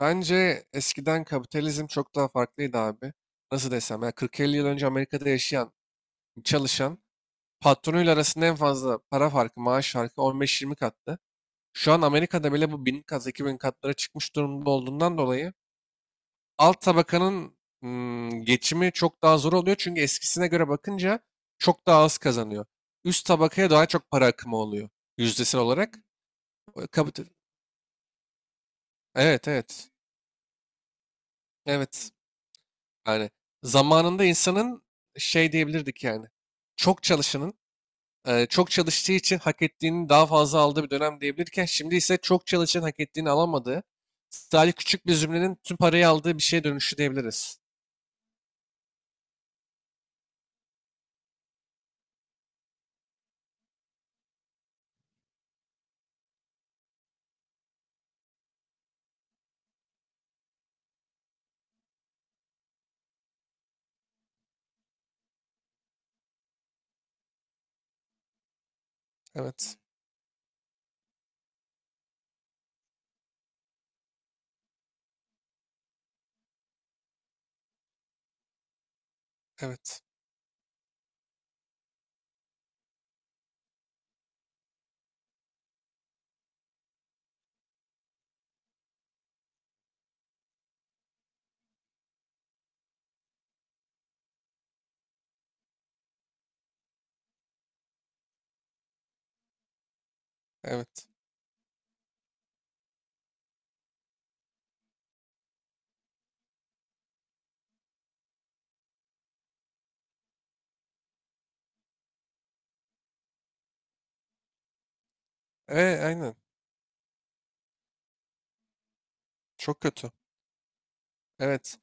Bence eskiden kapitalizm çok daha farklıydı abi. Nasıl desem ya 40-50 yıl önce Amerika'da yaşayan, çalışan patronuyla arasında en fazla para farkı, maaş farkı 15-20 kattı. Şu an Amerika'da bile bu 1000 kat, 2000 katlara çıkmış durumda olduğundan dolayı alt tabakanın geçimi çok daha zor oluyor. Çünkü eskisine göre bakınca çok daha az kazanıyor. Üst tabakaya daha çok para akımı oluyor yüzdesel olarak. Kapital. Evet, evet. Evet. Yani zamanında insanın şey diyebilirdik yani. Çok çalışanın çok çalıştığı için hak ettiğini daha fazla aldığı bir dönem diyebilirken şimdi ise çok çalışan hak ettiğini alamadığı sadece küçük bir zümrenin tüm parayı aldığı bir şeye dönüşü diyebiliriz. Evet. Evet. Evet. Evet, aynen. Çok kötü. Evet.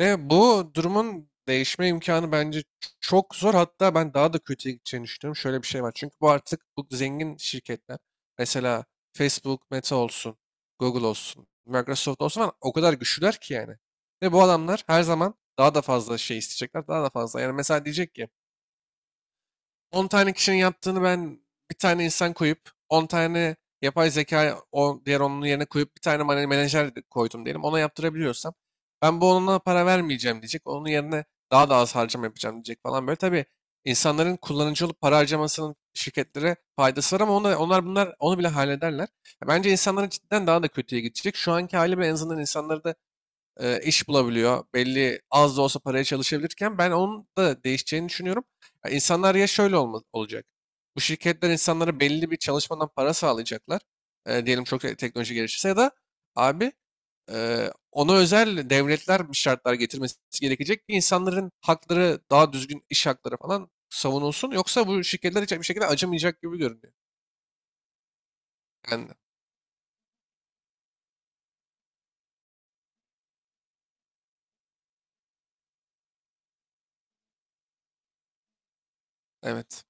Ve bu durumun değişme imkanı bence çok zor. Hatta ben daha da kötüye gideceğini düşünüyorum. Şöyle bir şey var. Çünkü bu artık bu zengin şirketler. Mesela Facebook, Meta olsun, Google olsun, Microsoft olsun falan o kadar güçlüler ki yani. Ve bu adamlar her zaman daha da fazla şey isteyecekler. Daha da fazla. Yani mesela diyecek ki on tane kişinin yaptığını ben bir tane insan koyup 10 tane yapay zeka o diğer onun yerine koyup bir tane menajer de koydum diyelim ona yaptırabiliyorsam ben bu onunla para vermeyeceğim diyecek. Onun yerine daha da az harcama yapacağım diyecek falan böyle. Tabii insanların kullanıcı olup para harcamasının şirketlere faydası var ama onlar bunlar onu bile hallederler. Ya bence insanların cidden daha da kötüye gidecek. Şu anki hali bile en azından insanları da iş bulabiliyor. Belli az da olsa paraya çalışabilirken ben onun da değişeceğini düşünüyorum. Ya İnsanlar ya şöyle olacak. Bu şirketler insanlara belli bir çalışmadan para sağlayacaklar. Diyelim çok teknoloji gelişirse ya da abi ona özel devletler bir şartlar getirmesi gerekecek ki insanların hakları daha düzgün iş hakları falan savunulsun. Yoksa bu şirketler hiç bir şekilde acımayacak gibi görünüyor. Yani evet.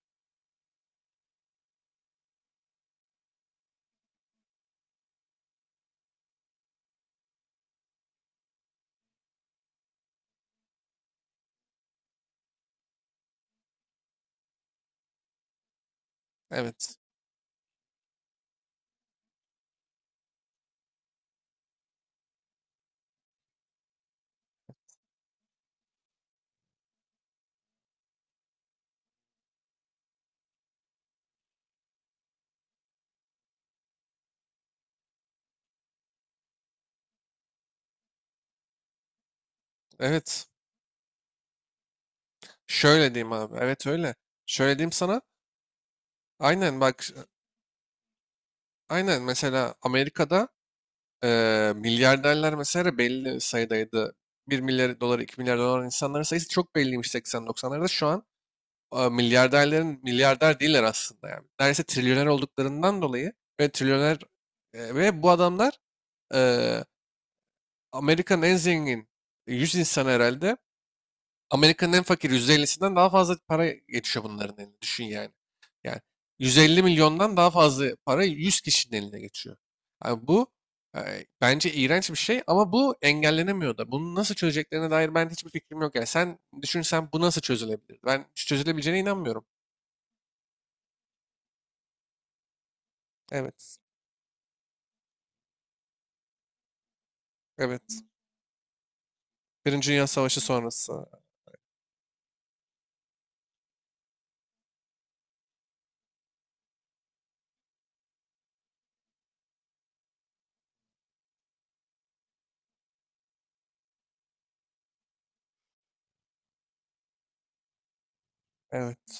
Evet. Evet. Şöyle diyeyim abi. Evet, öyle. Şöyle diyeyim sana. Aynen bak. Aynen mesela Amerika'da milyarderler mesela belli sayıdaydı. 1 milyar dolar, 2 milyar dolar insanların sayısı çok belliymiş 80-90'larda. Şu an milyarderlerin milyarder değiller aslında yani. Neredeyse trilyoner olduklarından dolayı ve trilyoner ve bu adamlar e, Amerika'nın en zengin 100 insanı herhalde Amerika'nın en fakir %50'sinden daha fazla para geçiyor bunların eline. Düşün yani. Yani 150 milyondan daha fazla para 100 kişinin eline geçiyor. Yani bu bence iğrenç bir şey ama bu engellenemiyor da. Bunu nasıl çözeceklerine dair ben hiçbir fikrim yok. Yani sen düşünsen bu nasıl çözülebilir? Ben çözülebileceğine inanmıyorum. Evet. Evet. Birinci Dünya Savaşı sonrası. Evet.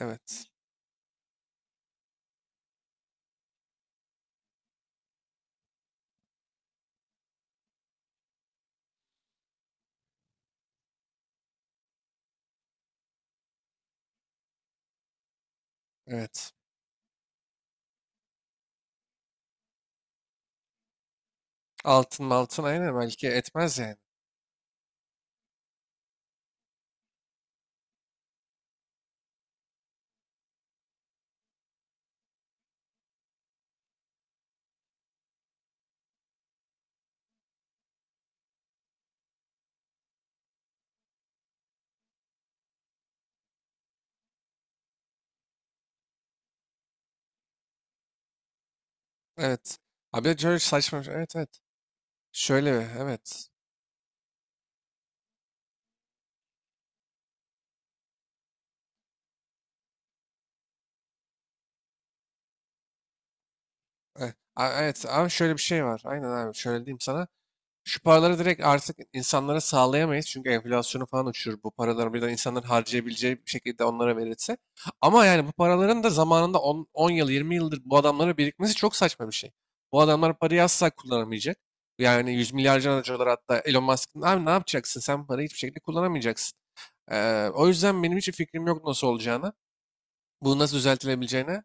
Evet. Evet. Altın altın aynen belki etmez yani. Evet. Abi şöyle saçma. Evet, evet. Şöyle evet. Evet, evet ama şöyle bir şey var. Aynen abi şöyle diyeyim sana. Şu paraları direkt artık insanlara sağlayamayız. Çünkü enflasyonu falan uçurur. Bu paraları birden insanların harcayabileceği bir şekilde onlara verilse. Ama yani bu paraların da zamanında on yıl 20 yıldır bu adamlara birikmesi çok saçma bir şey. Bu adamlar parayı asla kullanamayacak. Yani yüz milyarca dolar hatta Elon Musk'ın abi ne yapacaksın? Sen parayı hiçbir şekilde kullanamayacaksın. O yüzden benim hiç fikrim yok nasıl olacağına. Bu nasıl düzeltilebileceğine.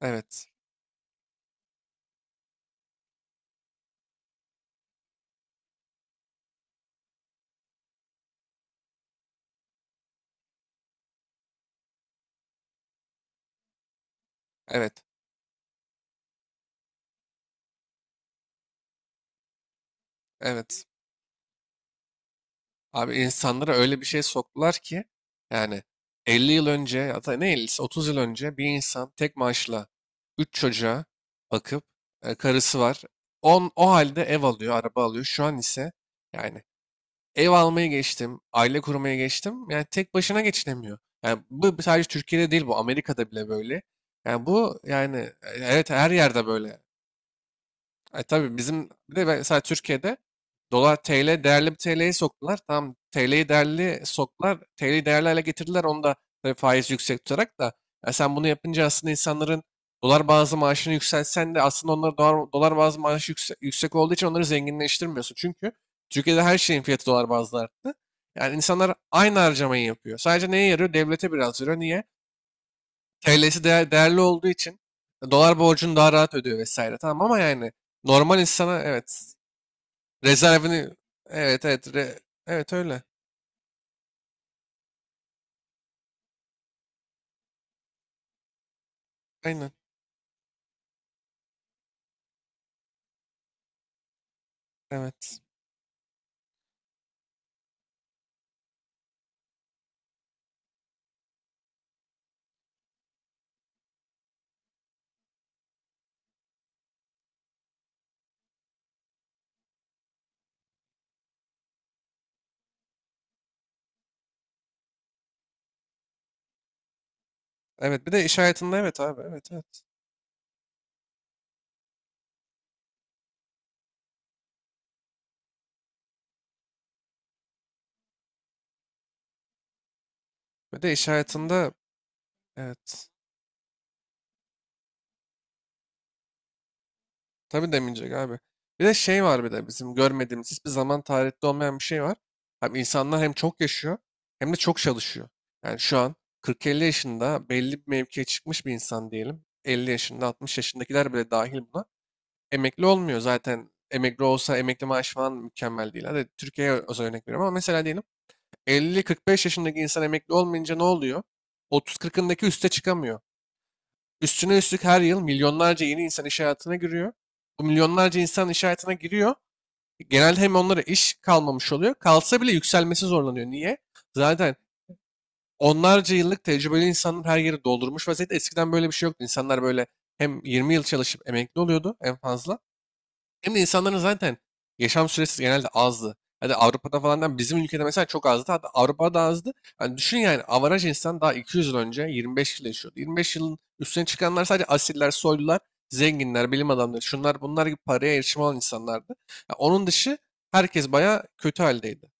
Evet. Evet. Evet. Abi insanlara öyle bir şey soktular ki yani 50 yıl önce ya da ne 50'si 30 yıl önce bir insan tek maaşla 3 çocuğa bakıp karısı var. O halde ev alıyor, araba alıyor. Şu an ise yani ev almayı geçtim, aile kurmaya geçtim. Yani tek başına geçinemiyor. Yani bu sadece Türkiye'de değil bu Amerika'da bile böyle. Yani bu yani evet her yerde böyle. E tabii bizim bir de mesela Türkiye'de dolar TL değerli bir TL'yi soktular. Tamam, TL'yi değerli soktular. TL'yi değerli hale getirdiler. Onu da tabii faiz yüksek tutarak da ya sen bunu yapınca aslında insanların dolar bazlı maaşını yükseltsen de aslında onlara dolar bazlı maaşı yüksek olduğu için onları zenginleştirmiyorsun. Çünkü Türkiye'de her şeyin fiyatı dolar bazlı arttı. Yani insanlar aynı harcamayı yapıyor. Sadece neye yarıyor? Devlete biraz yarıyor. Niye? TL'si değerli olduğu için dolar borcunu daha rahat ödüyor vesaire. Tamam ama yani normal insana evet rezervini evet evet evet öyle. Aynen. Evet. Evet bir de iş hayatında evet abi evet evet. Bir de iş hayatında evet. Tabii demeyecek abi. Bir de şey var bir de bizim görmediğimiz hiçbir zaman tarihte olmayan bir şey var. Abi insanlar hem çok yaşıyor hem de çok çalışıyor. Yani şu an 40-50 yaşında belli bir mevkiye çıkmış bir insan diyelim. 50 yaşında 60 yaşındakiler bile dahil buna. Emekli olmuyor zaten. Emekli olsa emekli maaşı falan mükemmel değil. Hadi Türkiye'ye özel örnek veriyorum ama mesela diyelim elli, 45 yaşındaki insan emekli olmayınca ne oluyor? 30-40'ındaki üste çıkamıyor. Üstüne üstlük her yıl milyonlarca yeni insan iş hayatına giriyor. Bu milyonlarca insan iş hayatına giriyor. Genelde hem onlara iş kalmamış oluyor. Kalsa bile yükselmesi zorlanıyor. Niye? Zaten onlarca yıllık tecrübeli insanlar her yeri doldurmuş vaziyette. Eskiden böyle bir şey yoktu. İnsanlar böyle hem 20 yıl çalışıp emekli oluyordu en fazla. Hem de insanların zaten yaşam süresi genelde azdı. Hadi Avrupa'da falan da bizim ülkede mesela çok azdı. Hatta Avrupa'da azdı. Yani düşün yani avaraj insan daha 200 yıl önce 25 yıl yaşıyordu. 25 yılın üstüne çıkanlar sadece asiller, soylular, zenginler, bilim adamları, şunlar bunlar gibi paraya erişim olan insanlardı. Ya onun dışı herkes bayağı kötü haldeydi.